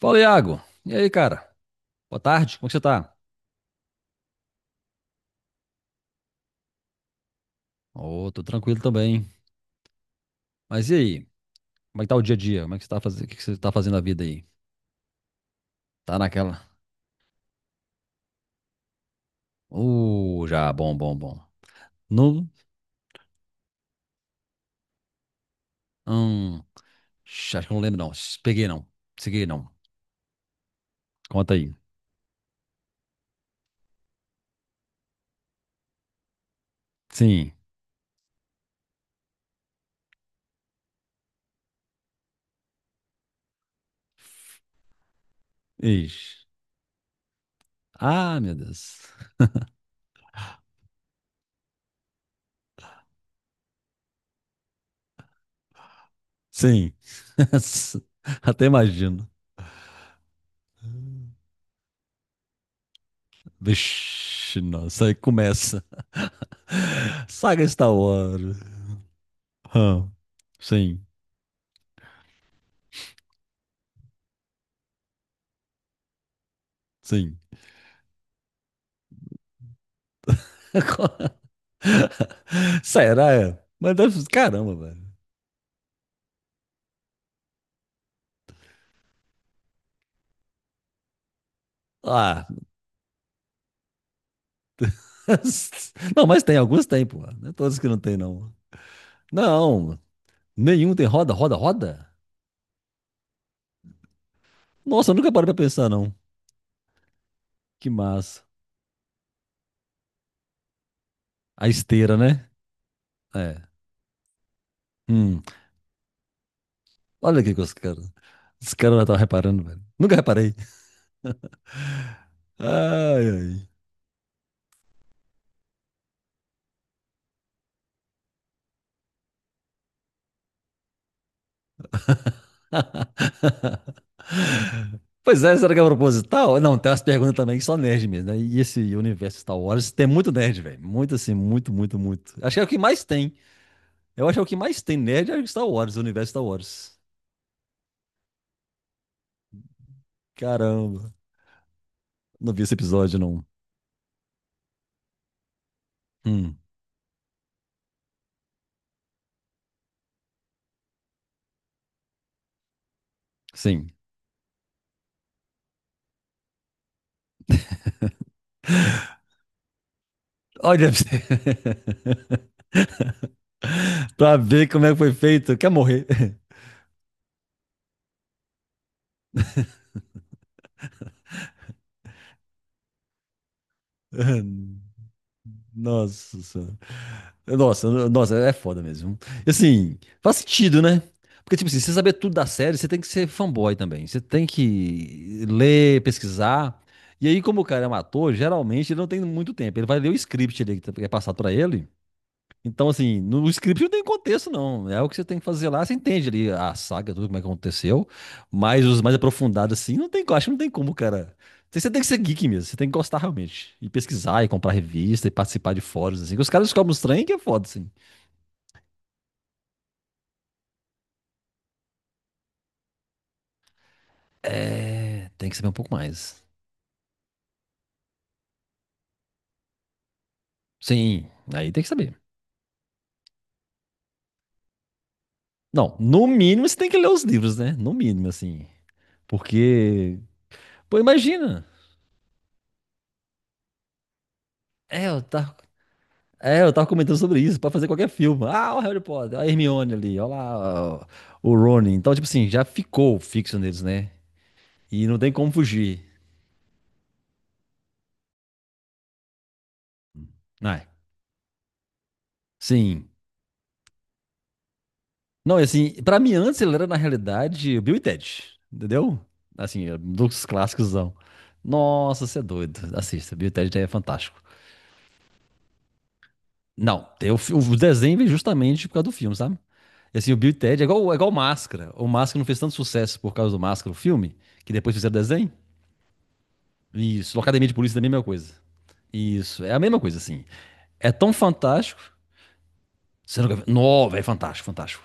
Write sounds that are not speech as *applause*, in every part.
Fala, Iago. E aí, cara? Boa tarde, como é que você tá? Ô, tô tranquilo também. Mas e aí? Como é que tá o dia a dia? Como é que você tá fazendo? O que que você tá fazendo na vida aí? Tá naquela? Já, bom, bom, bom. Não? Hum, acho que eu não lembro, não. Sh, peguei, não. Peguei, não. Conta aí. Sim. Ixi. Ah, meu Deus. Sim. *laughs* Até imagino. Vixe, nossa, aí começa. *laughs* Saga Star Wars. Hum, Sim, sim. *laughs* Será? Mas caramba, velho. Ah, *laughs* não, mas tem, alguns tem, pô. Não é todos que não tem, não. Não, nenhum tem roda, roda, roda? Nossa, eu nunca parei pra pensar, não. Que massa. A esteira, né? É. Hum. Olha aqui que os caras. Os caras estão reparando, velho. Nunca reparei. Ai, ai. *laughs* Pois é, será que é proposital? Não, tem umas perguntas também que só nerd mesmo, né? E esse universo Star Wars tem muito nerd, velho. Muito assim, muito, muito, muito. Acho que é o que mais tem. Eu acho que é o que mais tem nerd é Star Wars, o universo Star Wars. Caramba, não vi esse episódio, não. Hum, sim. *laughs* Olha pra você. *laughs* Pra ver como é que foi feito. Quer morrer? *laughs* Nossa senhora. Nossa, nossa, é foda mesmo. E assim, faz sentido, né? Porque, tipo assim, você saber tudo da série, você tem que ser fanboy também. Você tem que ler, pesquisar. E aí, como o cara é um ator, geralmente ele não tem muito tempo. Ele vai ler o script ali que é passado pra ele. Então, assim, no script não tem contexto, não. É o que você tem que fazer lá, você entende ali a saga, tudo como é que aconteceu. Mas os mais aprofundados, assim, não tem, eu acho que não tem como, cara. Você tem que ser geek mesmo, você tem que gostar realmente. E pesquisar, e comprar revista, e participar de fóruns, assim. Que Os caras descobrem os trem que é foda, assim. É, tem que saber um pouco mais. Sim, aí tem que saber. Não, no mínimo você tem que ler os livros, né? No mínimo, assim. Porque, pô, imagina. É, eu tá. É, eu tava comentando sobre isso, pra fazer qualquer filme. Ah, o Harry Potter, a Hermione ali, olha lá, ó, o Rony. Então, tipo assim, já ficou fixo neles, né? E não tem como fugir. Não, é? Sim. Não, e assim, pra mim antes ele era, na realidade, o Bill e Ted, entendeu? Assim, é, dos clássicos. Nossa, você é doido. Assista, Bill e Ted é fantástico. Não, tem o desenho veio justamente por causa do filme, sabe? E assim, o Bill e Ted é igual Máscara. O Máscara não fez tanto sucesso por causa do Máscara, o filme, que depois fizeram o desenho. Isso. Academia de Polícia é a mesma coisa. Isso. É a mesma coisa, assim. É tão fantástico. Você nunca... viu? Não, velho, fantástico, fantástico.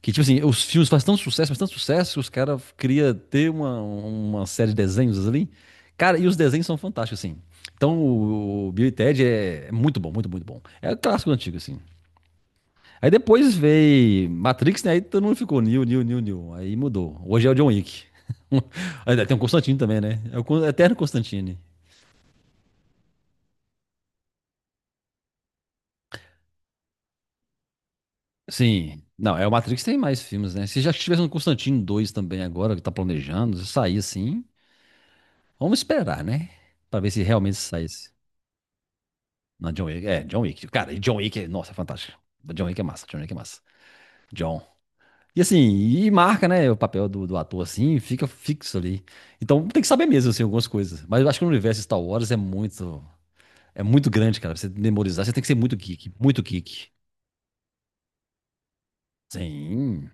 Que, tipo assim, os filmes fazem tanto sucesso, que os caras queriam ter uma série de desenhos ali. Cara, e os desenhos são fantásticos, assim. Então, o Bill e Ted é muito bom, muito, muito bom. É clássico antigo, assim. Aí depois veio Matrix, né? Aí todo mundo ficou New, New, New, New. Aí mudou. Hoje é o John Wick. *laughs* Aí tem o Constantine também, né? É o Eterno Constantine. Sim. Não, é o Matrix tem mais filmes, né? Se já tivesse um Constantino 2 também agora, que tá planejando, se sair assim, vamos esperar, né? Pra ver se realmente saísse. Não, John Wick. É, John Wick. Cara, e John Wick, nossa, é fantástico. John Wick é massa, John Wick é massa. John. E assim, e marca, né, o papel do ator assim, fica fixo ali. Então tem que saber mesmo, assim, algumas coisas. Mas eu acho que o universo Star Wars é muito grande, cara. Pra você memorizar, você tem que ser muito geek, muito geek. Sim.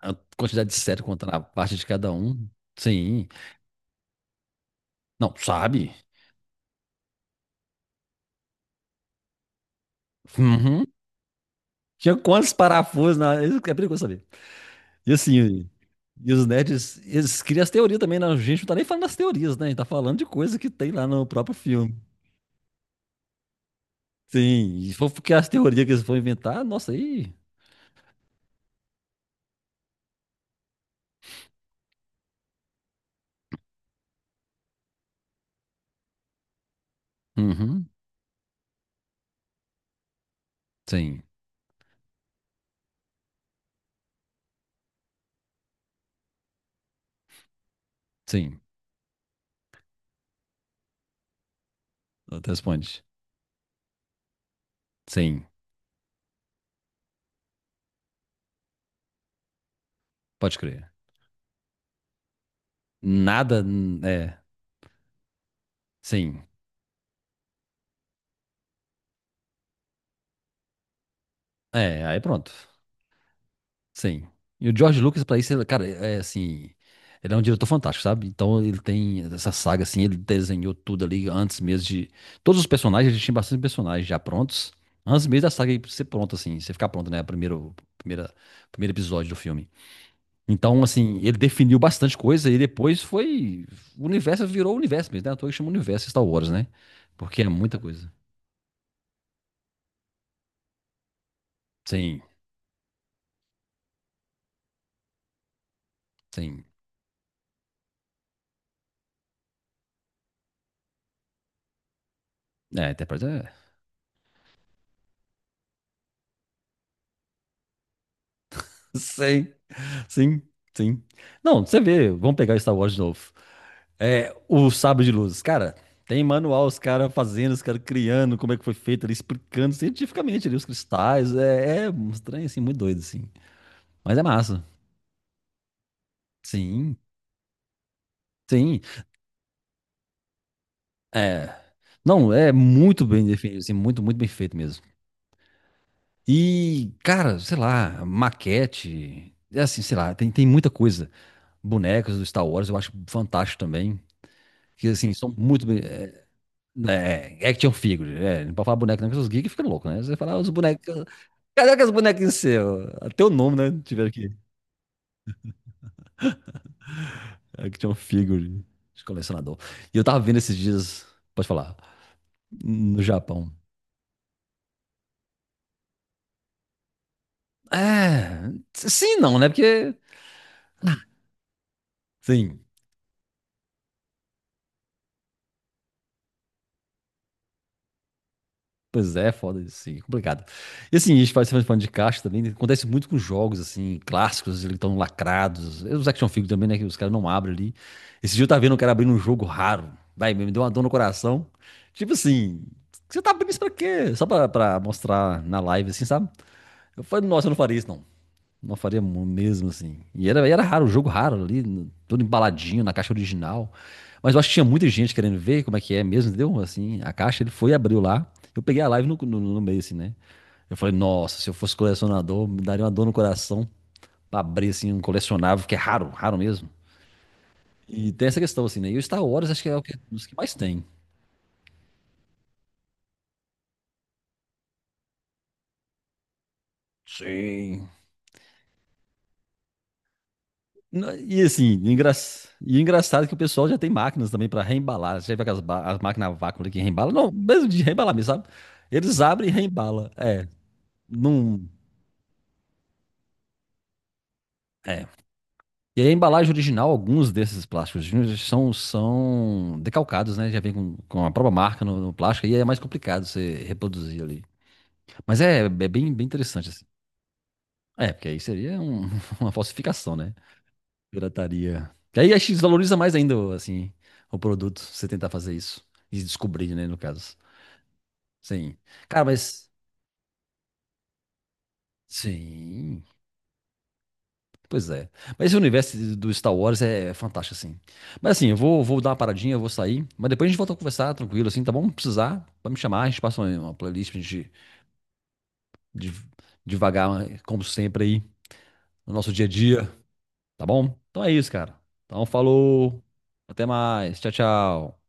A quantidade de série contando a parte de cada um. Sim. Não, sabe? Uhum. Tinha quantos parafusos na. Isso que é perigoso saber. E assim, e os nerds, eles criam as teorias também, né? A gente não tá nem falando das teorias, né? A gente tá falando de coisa que tem lá no próprio filme. Sim, e se for porque as teorias que eles vão inventar, nossa, aí. Uhum. Sim, sim. Outra responde. Sim, pode crer. Nada. Hum, é, sim. É, aí pronto. Sim. E o George Lucas, pra isso, ele, cara, é assim. Ele é um diretor fantástico, sabe? Então ele tem essa saga, assim, ele desenhou tudo ali antes mesmo de. Todos os personagens, ele tinha bastante personagens já prontos. Antes mesmo da saga ser pronta, assim, você ficar pronto, né? Primeiro episódio do filme. Então, assim, ele definiu bastante coisa e depois foi. O universo virou o universo mesmo, né? À toa que chama universo Star Wars, né? Porque é muita coisa. Sim, sim. É, até pra dizer. *laughs* Sim. Sim, sim. Não, você vê, vamos pegar Star Wars de novo. É, o Sabre de Luz, cara, tem manual, os caras fazendo, os caras criando, como é que foi feito ali, explicando cientificamente ali os cristais. É, é um estranho, assim, muito doido, assim. Mas é massa. Sim, sim. É. Não, é muito bem definido, assim, muito, muito bem feito mesmo. E, cara, sei lá, maquete, é assim, sei lá, tem, tem muita coisa. Bonecos do Star Wars eu acho fantástico também. Que, assim, são muito bem. É, é action figure. É, não pode falar boneco, não, porque os geeks ficam loucos, né? Você fala "Ah, os bonecos. Cadê que os bonequinhos seus? Até o nome, né? Tiveram aqui. Action figure de colecionador. E eu tava vendo esses dias, pode falar, no Japão. É, sim, e não, né? Porque, sim, pois é, foda isso, sim, complicado. E assim, a gente faz falando de caixa também, né, acontece muito com jogos, assim, clássicos, eles estão lacrados. Os action figures também, né, que os caras não abrem ali. Esse dia eu tava vendo um cara abrindo um jogo raro. Vai, me deu uma dor no coração. Tipo assim, você tá abrindo isso pra quê? Só pra mostrar na live, assim, sabe? Eu falei, nossa, eu não faria isso, não. Não faria mesmo assim. E era, era raro, o jogo raro ali, todo embaladinho na caixa original. Mas eu acho que tinha muita gente querendo ver como é que é mesmo, entendeu? Assim, a caixa ele foi e abriu lá. Eu peguei a live no meio, assim, né? Eu falei, nossa, se eu fosse colecionador, me daria uma dor no coração pra abrir assim um colecionável, que é raro, raro mesmo. E tem essa questão, assim, né? E o Star Wars acho que é o que, dos que mais tem. Sim. Não, e assim, engra... e engraçado é que o pessoal já tem máquinas também para reembalar. Você já vê aquelas as máquinas a vácuo ali que reembalam? Não, mesmo de reembalar mesmo, sabe? Eles abrem e reembalam. É, não. É. E aí, a embalagem original, alguns desses plásticos são, são decalcados, né? Já vem com a própria marca no plástico, e é mais complicado você reproduzir ali. Mas é, é bem, bem interessante, assim. É, porque aí seria um- *laughs* uma falsificação, né? Pirataria. E aí acho que desvaloriza mais ainda, assim, o produto, você tentar fazer isso. E descobrir, né, no caso. Sim. Cara, mas. Sim. Pois é. Mas esse universo do Star Wars é fantástico, assim. Mas assim, vou dar uma paradinha, eu vou sair. Mas depois a gente volta a conversar tranquilo, assim, tá bom? Se precisar, pode me chamar, a gente passa uma playlist pra gente de devagar como sempre, aí, no nosso dia a dia, tá bom? Então é isso, cara. Então falou. Até mais. Tchau, tchau.